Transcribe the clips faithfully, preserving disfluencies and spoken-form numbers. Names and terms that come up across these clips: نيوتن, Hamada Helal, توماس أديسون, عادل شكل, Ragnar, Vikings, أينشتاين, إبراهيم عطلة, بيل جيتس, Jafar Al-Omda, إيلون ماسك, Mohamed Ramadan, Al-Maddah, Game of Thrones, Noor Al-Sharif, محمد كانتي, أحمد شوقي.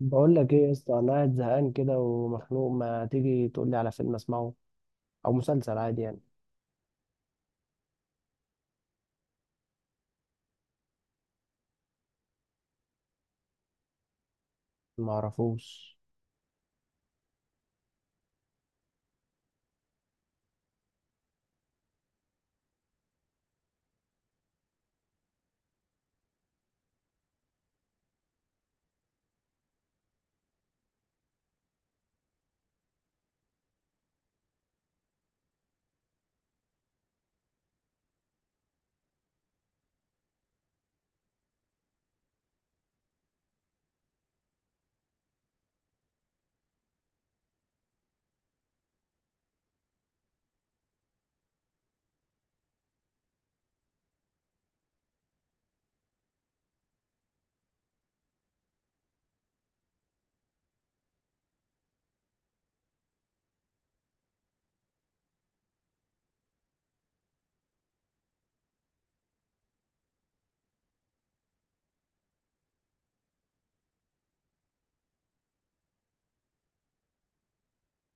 بقول لك ايه يا اسطى، انا قاعد زهقان كده ومخنوق، ما تيجي تقول لي على فيلم اسمعه او مسلسل عادي يعني ما اعرفوش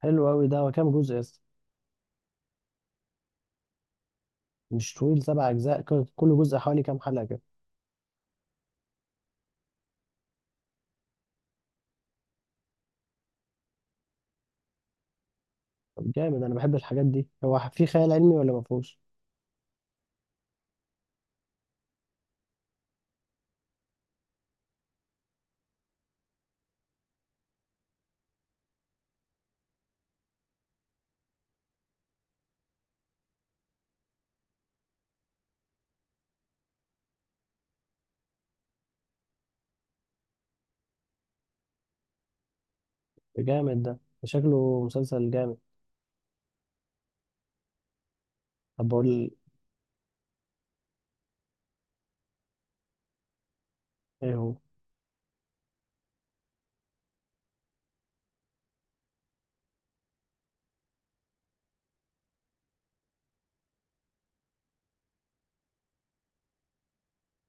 حلو قوي. ده هو كام جزء يا اسطى؟ مش طويل سبع اجزاء؟ ك- كل جزء حوالي كام حلقه كده؟ طب جامد، انا بحب الحاجات دي. هو ح- في خيال علمي ولا ما فيهوش؟ جامد ده، شكله مسلسل جامد. طب بقول ايه هو.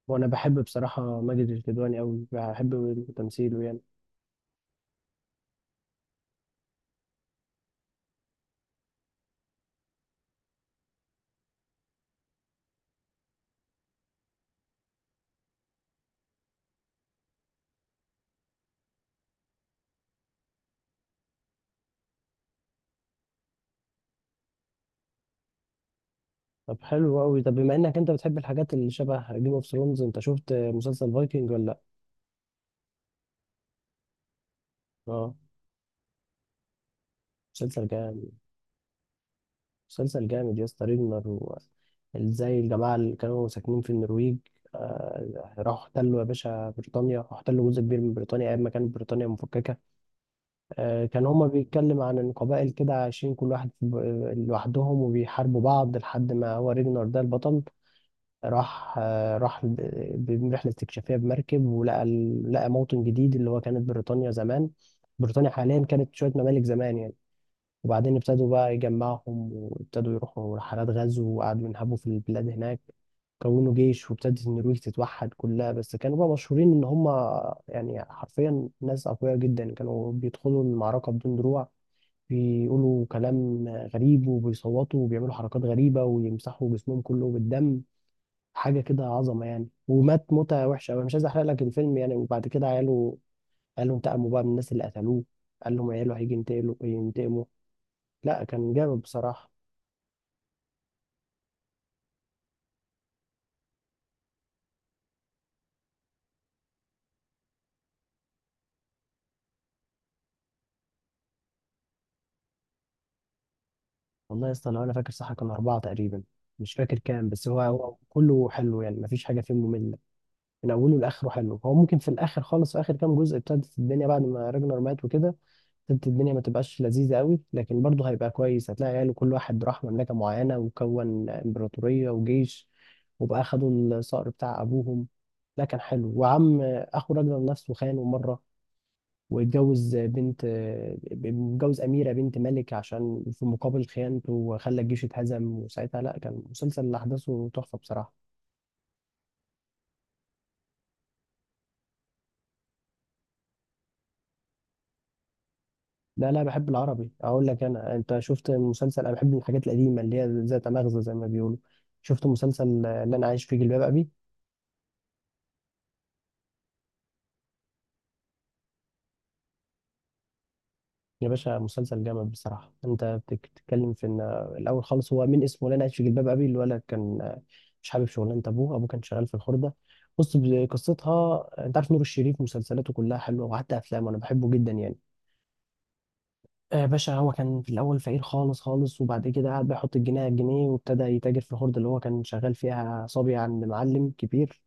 وانا بحب بصراحه ماجد الكدواني قوي، بحب تمثيله يعني. طب حلو قوي. طب بما انك انت بتحب الحاجات اللي شبه جيم اوف ثرونز، انت شفت مسلسل فايكنج ولا لا؟ اه، مسلسل جامد. مسلسل جامد يا اسطى ريجنر و- ازاي الجماعة اللي كانوا ساكنين في النرويج آه، راحوا احتلوا يا باشا بريطانيا، احتلوا جزء كبير من بريطانيا أيام ما كانت بريطانيا مفككة. آه، كان هما بيتكلم عن إن قبائل كده عايشين كل واحد في ب- لوحدهم، وبيحاربوا بعض لحد ما هو ريجنر ده البطل راح، آه، راح ب- ب- برحلة استكشافية بمركب، ولقى ال- لقى موطن جديد اللي هو كانت بريطانيا زمان. بريطانيا حاليا كانت شوية ممالك زمان يعني. وبعدين ابتدوا بقى يجمعهم، وابتدوا يروحوا رحلات غزو، وقعدوا ينهبوا في البلاد هناك. كونوا جيش، وابتدت النرويج تتوحد كلها. بس كانوا بقى مشهورين ان هم يعني حرفيا ناس اقوياء جدا، كانوا بيدخلوا المعركة بدون دروع، بيقولوا كلام غريب وبيصوتوا وبيعملوا حركات غريبة ويمسحوا جسمهم كله بالدم. حاجة كده عظمة يعني. ومات موتة وحشة أوي. انا مش عايز احرق لك الفيلم يعني. وبعد كده عياله قالوا انتقموا بقى من الناس اللي قتلوه. قال لهم عياله هيجي ينتقلوا ينتقموا. لا كان جامد بصراحة. والله يا اسطى لو انا فاكر صح كان أربعة تقريبا. مش فاكر كام، بس هو هو كله حلو يعني، مفيش حاجة فيه مملة. من أوله لآخره حلو. هو ممكن في الآخر خالص، في آخر كام جزء، ابتدت الدنيا بعد ما راجنر مات وكده، ابتدت الدنيا ما تبقاش لذيذة قوي، لكن برضه هيبقى كويس. هتلاقي عياله كل واحد راح مملكة معينة وكون إمبراطورية وجيش، وبقى خدوا الصقر بتاع أبوهم. لا كان حلو. وعم أخو راجنر نفسه خانه مرة، واتجوز بنت، متجوز أميرة بنت ملك عشان في مقابل خيانته، وخلى الجيش اتهزم. وساعتها لا كان مسلسل اللي أحداثه تحفة بصراحة. لا لا، بحب العربي. أقول لك أنا، أنت شفت مسلسل؟ أنا بحب الحاجات القديمة اللي هي ذات مغزى زي ما بيقولوا. شفت مسلسل آه، اللي أنا عايش فيه جلباب أبي؟ يا باشا مسلسل جامد بصراحة. انت بتك- بتتكلم في ان الاول خالص هو من اسمه لنا عايش في جلباب ابي. الولد كان مش حابب شغلانة ابوه، ابوه كان شغال في الخردة. بص، ب- قصتها، انت عارف نور الشريف مسلسلاته كلها حلوة، وحتى افلامه انا بحبه جدا يعني. آه، باشا، هو كان في الاول فقير خالص خالص، وبعد كده قعد بيحط الجنيه على الجنيه، وابتدى يتاجر في الخردة اللي هو كان شغال فيها صبي عند معلم كبير.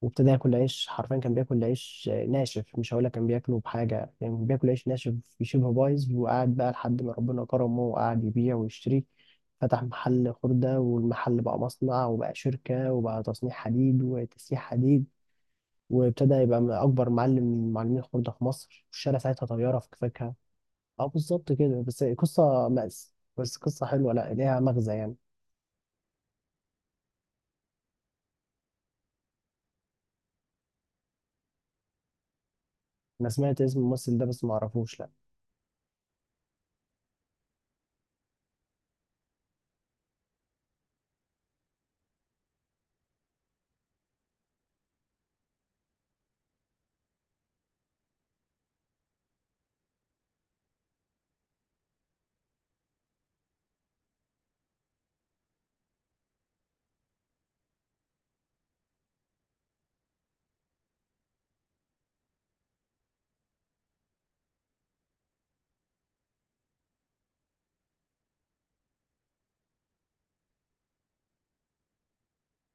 وابتدى ياكل عيش حرفيا، كان بياكل عيش آه، ناشف. مش هقول لك كان بياكله بحاجه يعني، كان بياكل عيش ناشف شبه بايظ. وقعد بقى لحد ما ربنا كرمه، وقعد يبيع ويشتري. فتح محل خردة، والمحل بقى مصنع، وبقى شركة، وبقى تصنيع حديد وتسييح حديد. وابتدى يبقى من أكبر معلم من معلمين الخردة في مصر، والشارع ساعتها طيارة في كفاكها. اه بالظبط كده، بس قصة مأس، بس قصة حلوة، لا ليها مغزى يعني. أنا سمعت اسم الممثل ده بس معرفوش، لا.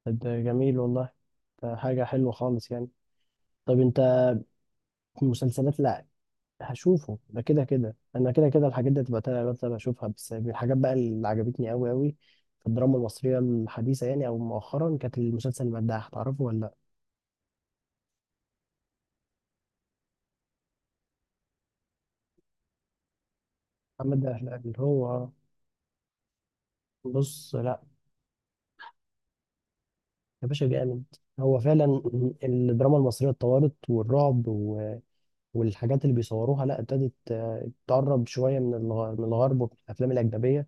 طب ده جميل والله، ده حاجة حلوة خالص يعني. طب انت مسلسلات؟ لا، هشوفه ده كده كده، انا كده كده الحاجات دي هتبقى تابع بتابع اشوفها. بس من الحاجات بقى اللي عجبتني قوي قوي في الدراما المصريه الحديثه يعني او مؤخرا، كانت المسلسل المداح، تعرفه ولا لا؟ محمد داح اللي هو. بص لا. يا باشا جامد، هو فعلا الدراما المصريه اتطورت، والرعب و- والحاجات اللي بيصوروها لا ابتدت آه، تقرب شويه من الغ- من الغرب ومن الافلام الاجنبيه.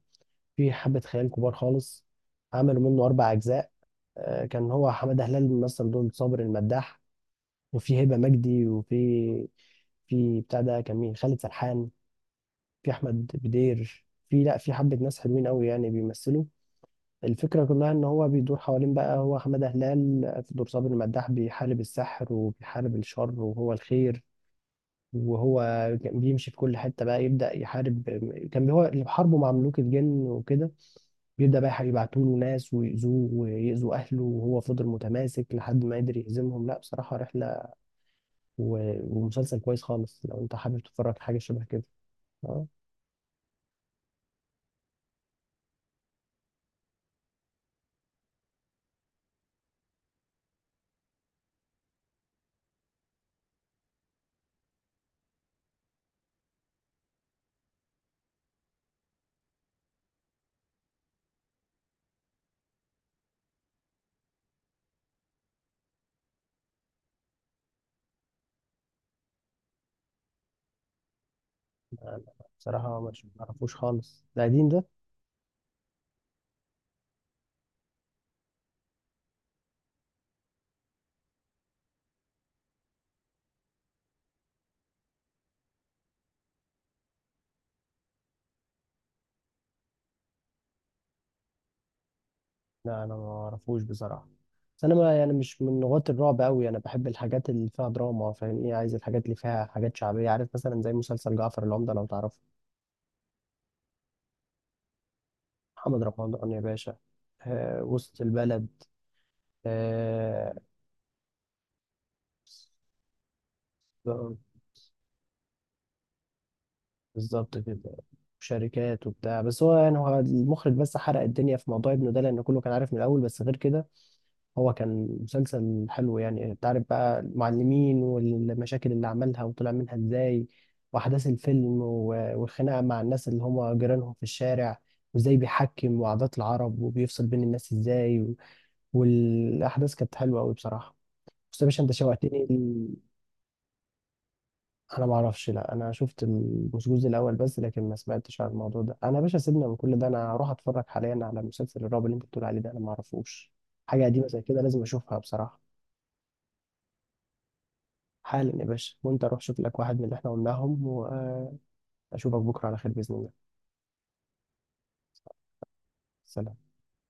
في حبه خيال كبار خالص. عملوا منه اربع اجزاء. آه، كان هو حماده هلال مثل دور صابر المداح، وفي هبه مجدي، وفي، في بتاع ده كان مين، خالد سرحان، في احمد بدير، في لا في حبه ناس حلوين قوي يعني بيمثلوا. الفكره كلها ان هو بيدور حوالين بقى هو حماده هلال في دور صابر المداح، بيحارب السحر وبيحارب الشر وهو الخير. وهو كان بيمشي في كل حتة بقى يبدأ يحارب. كان هو اللي بحاربه مع ملوك الجن وكده، بيبدأ بقى يبعتوا له ناس ويأذوه ويأذوا أهله، وهو فضل متماسك لحد ما قدر يهزمهم. لا بصراحة رحلة و- ومسلسل كويس خالص لو أنت حابب تتفرج على حاجة شبه كده. أه. بصراحة مش معرفوش خالص، ده قديم ده؟ لا أنا ما أعرفوش بصراحة. بس أنا ما يعني مش من غواة الرعب أوي، أنا بحب الحاجات اللي فيها دراما، فاهمني؟ عايز الحاجات اللي فيها حاجات شعبية، عارف، مثلا زي مسلسل جعفر العمدة، لو تعرفه. محمد رمضان يا باشا. آه وسط البلد. آه بالظبط كده. شركات وبتاع. بس هو يعني هو المخرج بس حرق الدنيا في موضوع ابنه ده، لأن كله كان عارف من الأول. بس غير كده هو كان مسلسل حلو يعني. أنت عارف بقى المعلمين والمشاكل اللي عملها وطلع منها إزاي، وأحداث الفيلم و- والخناقة مع الناس اللي هم جيرانهم في الشارع، وإزاي بيحكم وعادات العرب وبيفصل بين الناس إزاي، و- والأحداث كانت حلوة أوي بصراحة. بس يا باشا أنت شوقتني. انا ما اعرفش، لا انا شفت ال- مش الجزء الاول بس، لكن ما سمعتش عن الموضوع ده. انا يا باشا سيبنا من كل ده، انا هروح اتفرج حاليا على مسلسل الرعب اللي انت بتقول عليه ده، انا ما اعرفوش. حاجه قديمه زي كده لازم اشوفها بصراحه. حالا يا باشا، وانت روح شوف لك واحد من اللي احنا قلناهم، واشوفك بكره على خير باذن الله. سلام.